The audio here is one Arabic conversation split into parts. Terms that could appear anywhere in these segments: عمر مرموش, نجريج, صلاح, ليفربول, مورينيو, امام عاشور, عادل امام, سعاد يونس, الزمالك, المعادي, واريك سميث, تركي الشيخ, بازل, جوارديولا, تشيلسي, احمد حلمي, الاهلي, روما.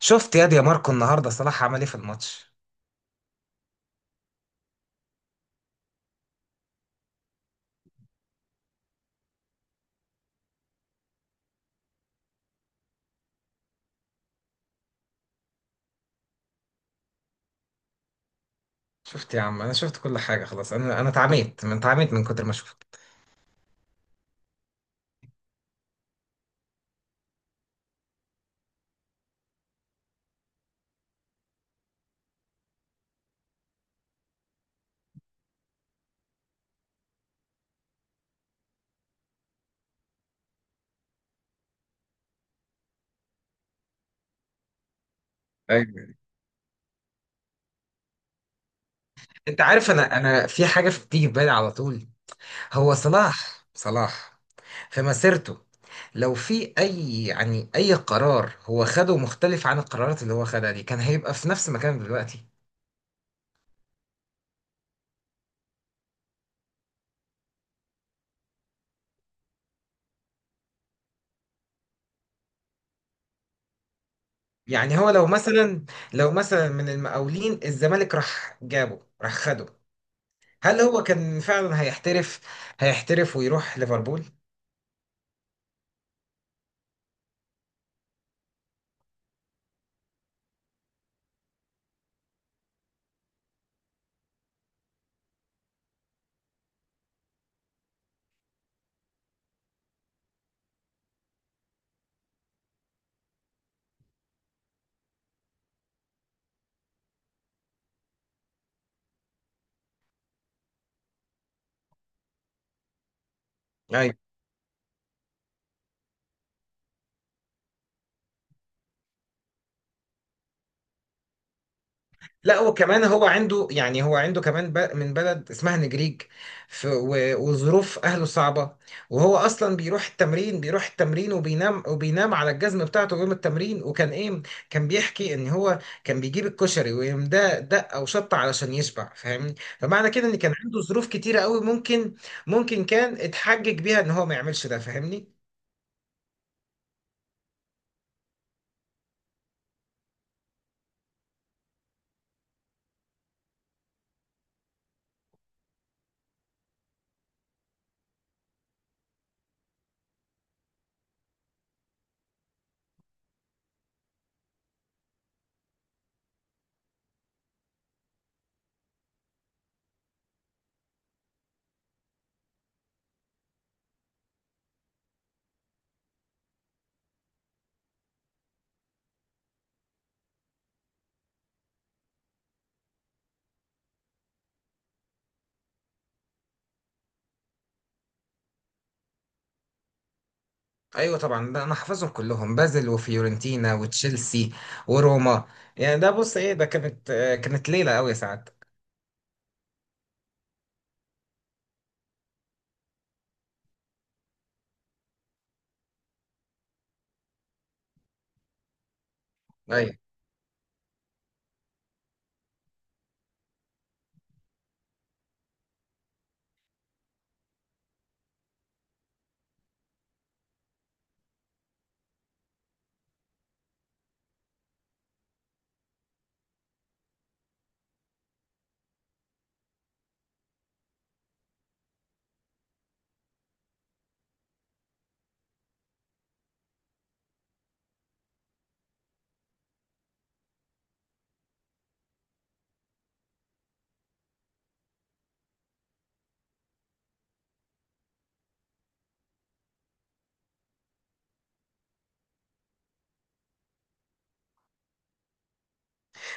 شفت ياد يا ماركو، النهارده صلاح عمل ايه في الماتش؟ شفت يا عم، انا شفت كل حاجه خلاص. انا اتعميت، من كتر ما شفت. ايوه. انت عارف، انا في حاجه بتيجي في بالي على طول. هو صلاح، في مسيرته، لو في اي قرار هو خده مختلف عن القرارات اللي هو خدها دي، كان هيبقى في نفس مكانه دلوقتي. يعني هو لو مثلا من المقاولين، الزمالك راح جابه، راح خده، هل هو كان فعلا هيحترف ويروح ليفربول؟ لا، وكمان هو عنده، يعني هو عنده كمان ب- من بلد اسمها نجريج، وظروف أهله صعبة. وهو أصلا بيروح التمرين وبينام على الجزم بتاعته يوم التمرين، وكان إيه، كان بيحكي إن هو كان بيجيب الكشري ويقوم ده دقة وشطة علشان يشبع، فاهمني؟ فمعنى كده إن كان عنده ظروف كتيرة قوي، ممكن كان اتحجج بيها إن هو ما يعملش ده، فاهمني؟ ايوه طبعا، ده انا حافظهم كلهم: بازل وفيورنتينا وتشيلسي وروما. يعني ده بص ايه، ده كانت ليله قوي ساعات. ايوه،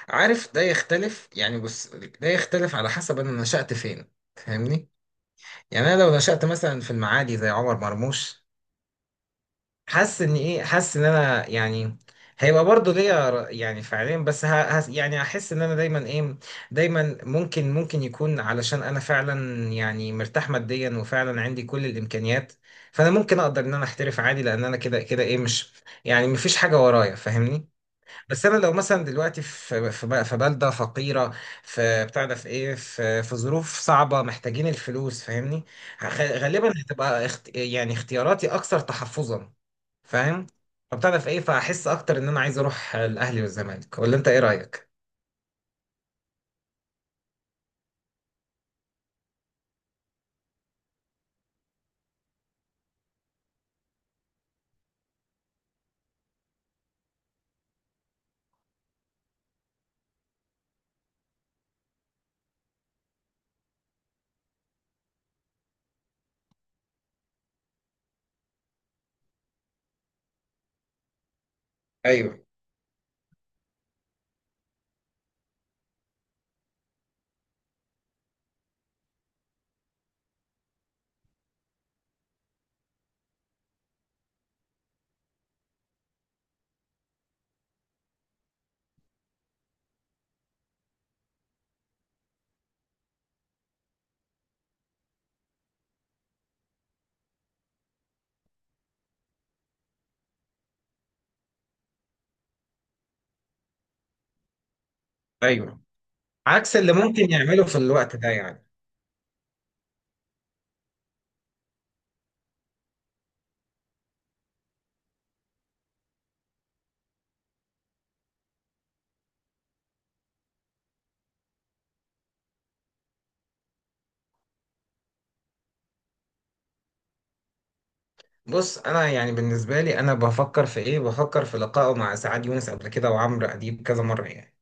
عارف ده يختلف، يعني بص، ده يختلف على حسب انا نشأت فين، فاهمني؟ يعني انا لو نشأت مثلا في المعادي زي عمر مرموش، حاسس ان ايه، حاسس ان انا يعني هيبقى برضه ليا يعني فعليا، بس يعني هحس ان انا دايما ايه، دايما ممكن يكون علشان انا فعلا يعني مرتاح ماديا، وفعلا عندي كل الامكانيات، فانا ممكن اقدر ان انا احترف عادي، لان انا كده كده ايه، مش يعني مفيش حاجه ورايا، فاهمني؟ بس انا لو مثلا دلوقتي في بلده فقيره، في بتاع ده، في ايه، في ظروف صعبه، محتاجين الفلوس، فاهمني؟ غالبا هتبقى يعني اختياراتي اكثر تحفظا، فاهم؟ فبتعرف ايه، فاحس اكتر ان انا عايز اروح الاهلي والزمالك، ولا انت ايه رايك؟ ايوه، ايوه، عكس اللي ممكن يعمله في الوقت ده يعني. بص، انا يعني بالنسبه لي انا بفكر في ايه، بفكر في لقائه مع سعاد يونس قبل كده وعمرو اديب كذا مره يعني،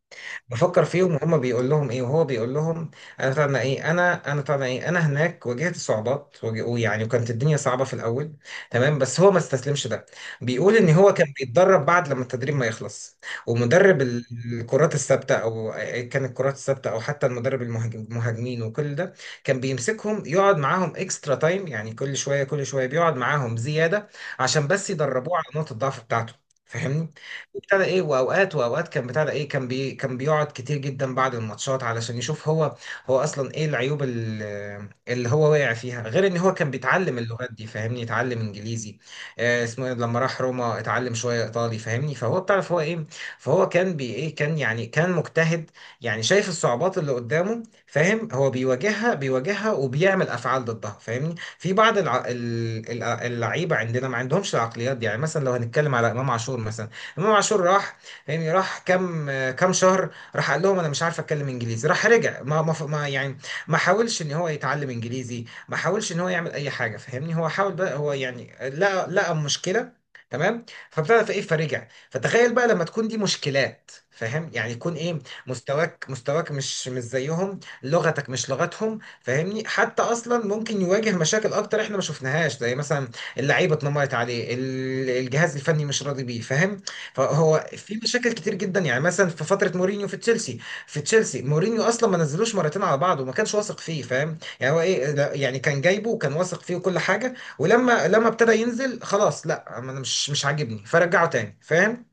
بفكر فيهم وهم بيقول لهم ايه وهو بيقول لهم، انا طبعا ايه، انا طبعا ايه، انا هناك واجهت صعوبات، ويعني وكانت الدنيا صعبه في الاول. تمام، بس هو ما استسلمش ده، بيقول ان هو كان بيتدرب بعد لما التدريب ما يخلص، ومدرب الكرات الثابته، او حتى المدرب المهاجمين، وكل ده كان بيمسكهم يقعد معاهم اكسترا تايم، يعني كل شويه كل شويه بيقعد معاهم زياده، عشان بس يدربوه على نقطه الضعف بتاعته، فاهمني؟ ابتدى ايه، واوقات كان بتاع ده ايه، كان بيقعد كتير جدا بعد الماتشات، علشان يشوف هو، هو اصلا ايه العيوب اللي هو واقع فيها، غير ان هو كان بيتعلم اللغات دي، فاهمني؟ اتعلم انجليزي، اسمه إيه، لما راح روما اتعلم شويه ايطالي، فاهمني؟ فهو بتعرف هو ايه، فهو كان بي ايه كان يعني كان مجتهد. يعني شايف الصعوبات اللي قدامه، فاهم؟ هو بيواجهها، وبيعمل افعال ضدها، فاهمني؟ في بعض اللعيبه عندنا ما عندهمش العقليات دي، يعني مثلا لو هنتكلم على امام عاشور مثلا. امام عاشور راح، يعني راح كام شهر، راح قال لهم انا مش عارف اتكلم انجليزي، راح رجع، يعني ما حاولش ان هو يتعلم انجليزي، ما حاولش ان هو يعمل اي حاجه، فاهمني؟ هو حاول بقى هو، يعني لقى مشكله. تمام، فابتدى في ايه فرجع، فتخيل بقى لما تكون دي مشكلات، فاهم؟ يعني يكون ايه، مستواك مش زيهم، لغتك مش لغتهم، فاهمني؟ حتى اصلا ممكن يواجه مشاكل اكتر احنا ما شفناهاش، زي مثلا اللعيبه اتنمرت عليه، الجهاز الفني مش راضي بيه، فاهم؟ فهو في مشاكل كتير جدا، يعني مثلا في فتره مورينيو في تشيلسي، في تشيلسي مورينيو اصلا ما نزلوش مرتين على بعض، وما كانش واثق فيه، فاهم؟ يعني هو ايه، لا، يعني كان جايبه وكان واثق فيه وكل حاجه، ولما ابتدى ينزل، خلاص، لا انا مش عاجبني، فرجعه تاني، فاهم؟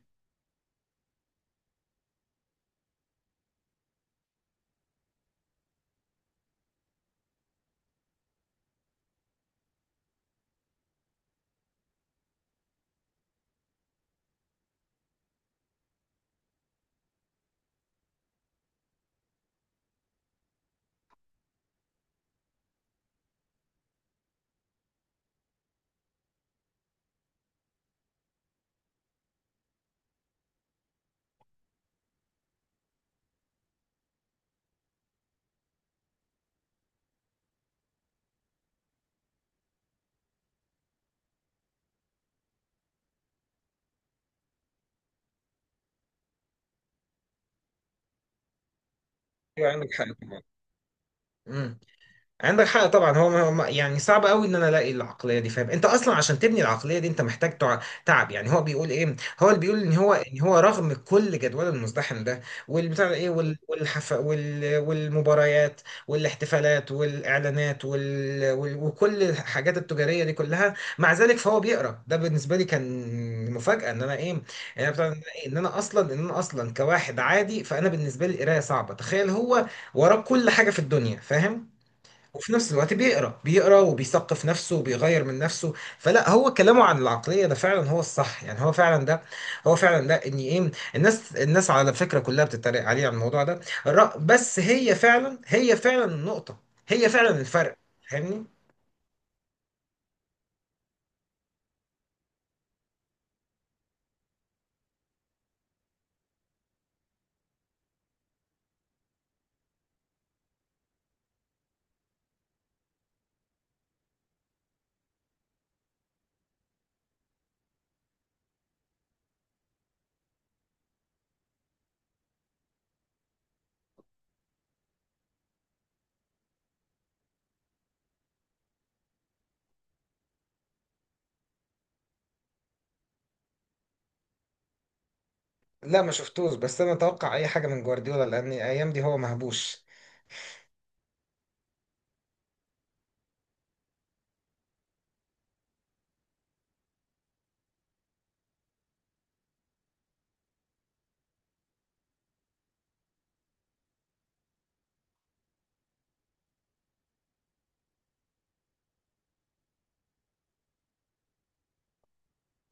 ايوه، عندك حق طبعا. مم. عندك حق طبعا، يعني صعب قوي ان انا الاقي العقليه دي، فاهم؟ انت اصلا عشان تبني العقليه دي انت محتاج تعب. يعني هو بيقول ايه، هو اللي بيقول ان هو، ان هو رغم كل جدول المزدحم ده، والبتاع ده ايه، والحف والمباريات، والاحتفالات والاعلانات وكل الحاجات التجاريه دي كلها، مع ذلك فهو بيقرا، ده بالنسبه لي كان مفاجاه ان انا ايه، يعني ده إيه؟ ان انا اصلا كواحد عادي، فانا بالنسبه لي القرايه صعبه، تخيل هو وراه كل حاجه في الدنيا، فاهم؟ وفي نفس الوقت بيقرا وبيثقف نفسه وبيغير من نفسه. فلا، هو كلامه عن العقليه ده فعلا هو الصح، يعني هو فعلا ده، هو فعلا ده، ان ايه، الناس على فكره كلها بتتريق عليه على الموضوع ده، بس هي فعلا، هي فعلا النقطه، هي فعلا الفرق، فاهمني؟ لا ما شفتوش، بس انا اتوقع اي حاجه من جوارديولا، لان الايام دي هو مهبوش.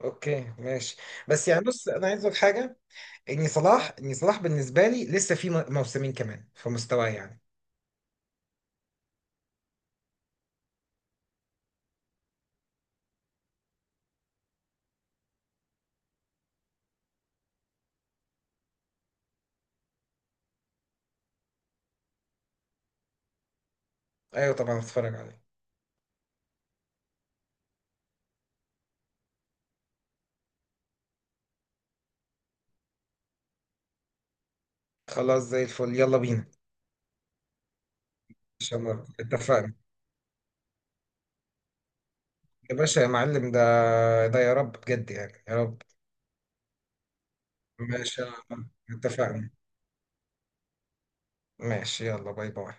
اوكي، ماشي. بس يعني بص، انا عايز اقول حاجه، ان صلاح، ان صلاح بالنسبه لي لسه في موسمين كمان في مستواه يعني. ايوه طبعا، هتفرج عليه. خلاص، زي الفل، يلا بينا، ان شاء الله، اتفقنا. يا باشا يا معلم، ده ده يا رب بجد، يعني يا رب. ماشي يا عم، اتفقنا. ماشي، يلا، باي باي.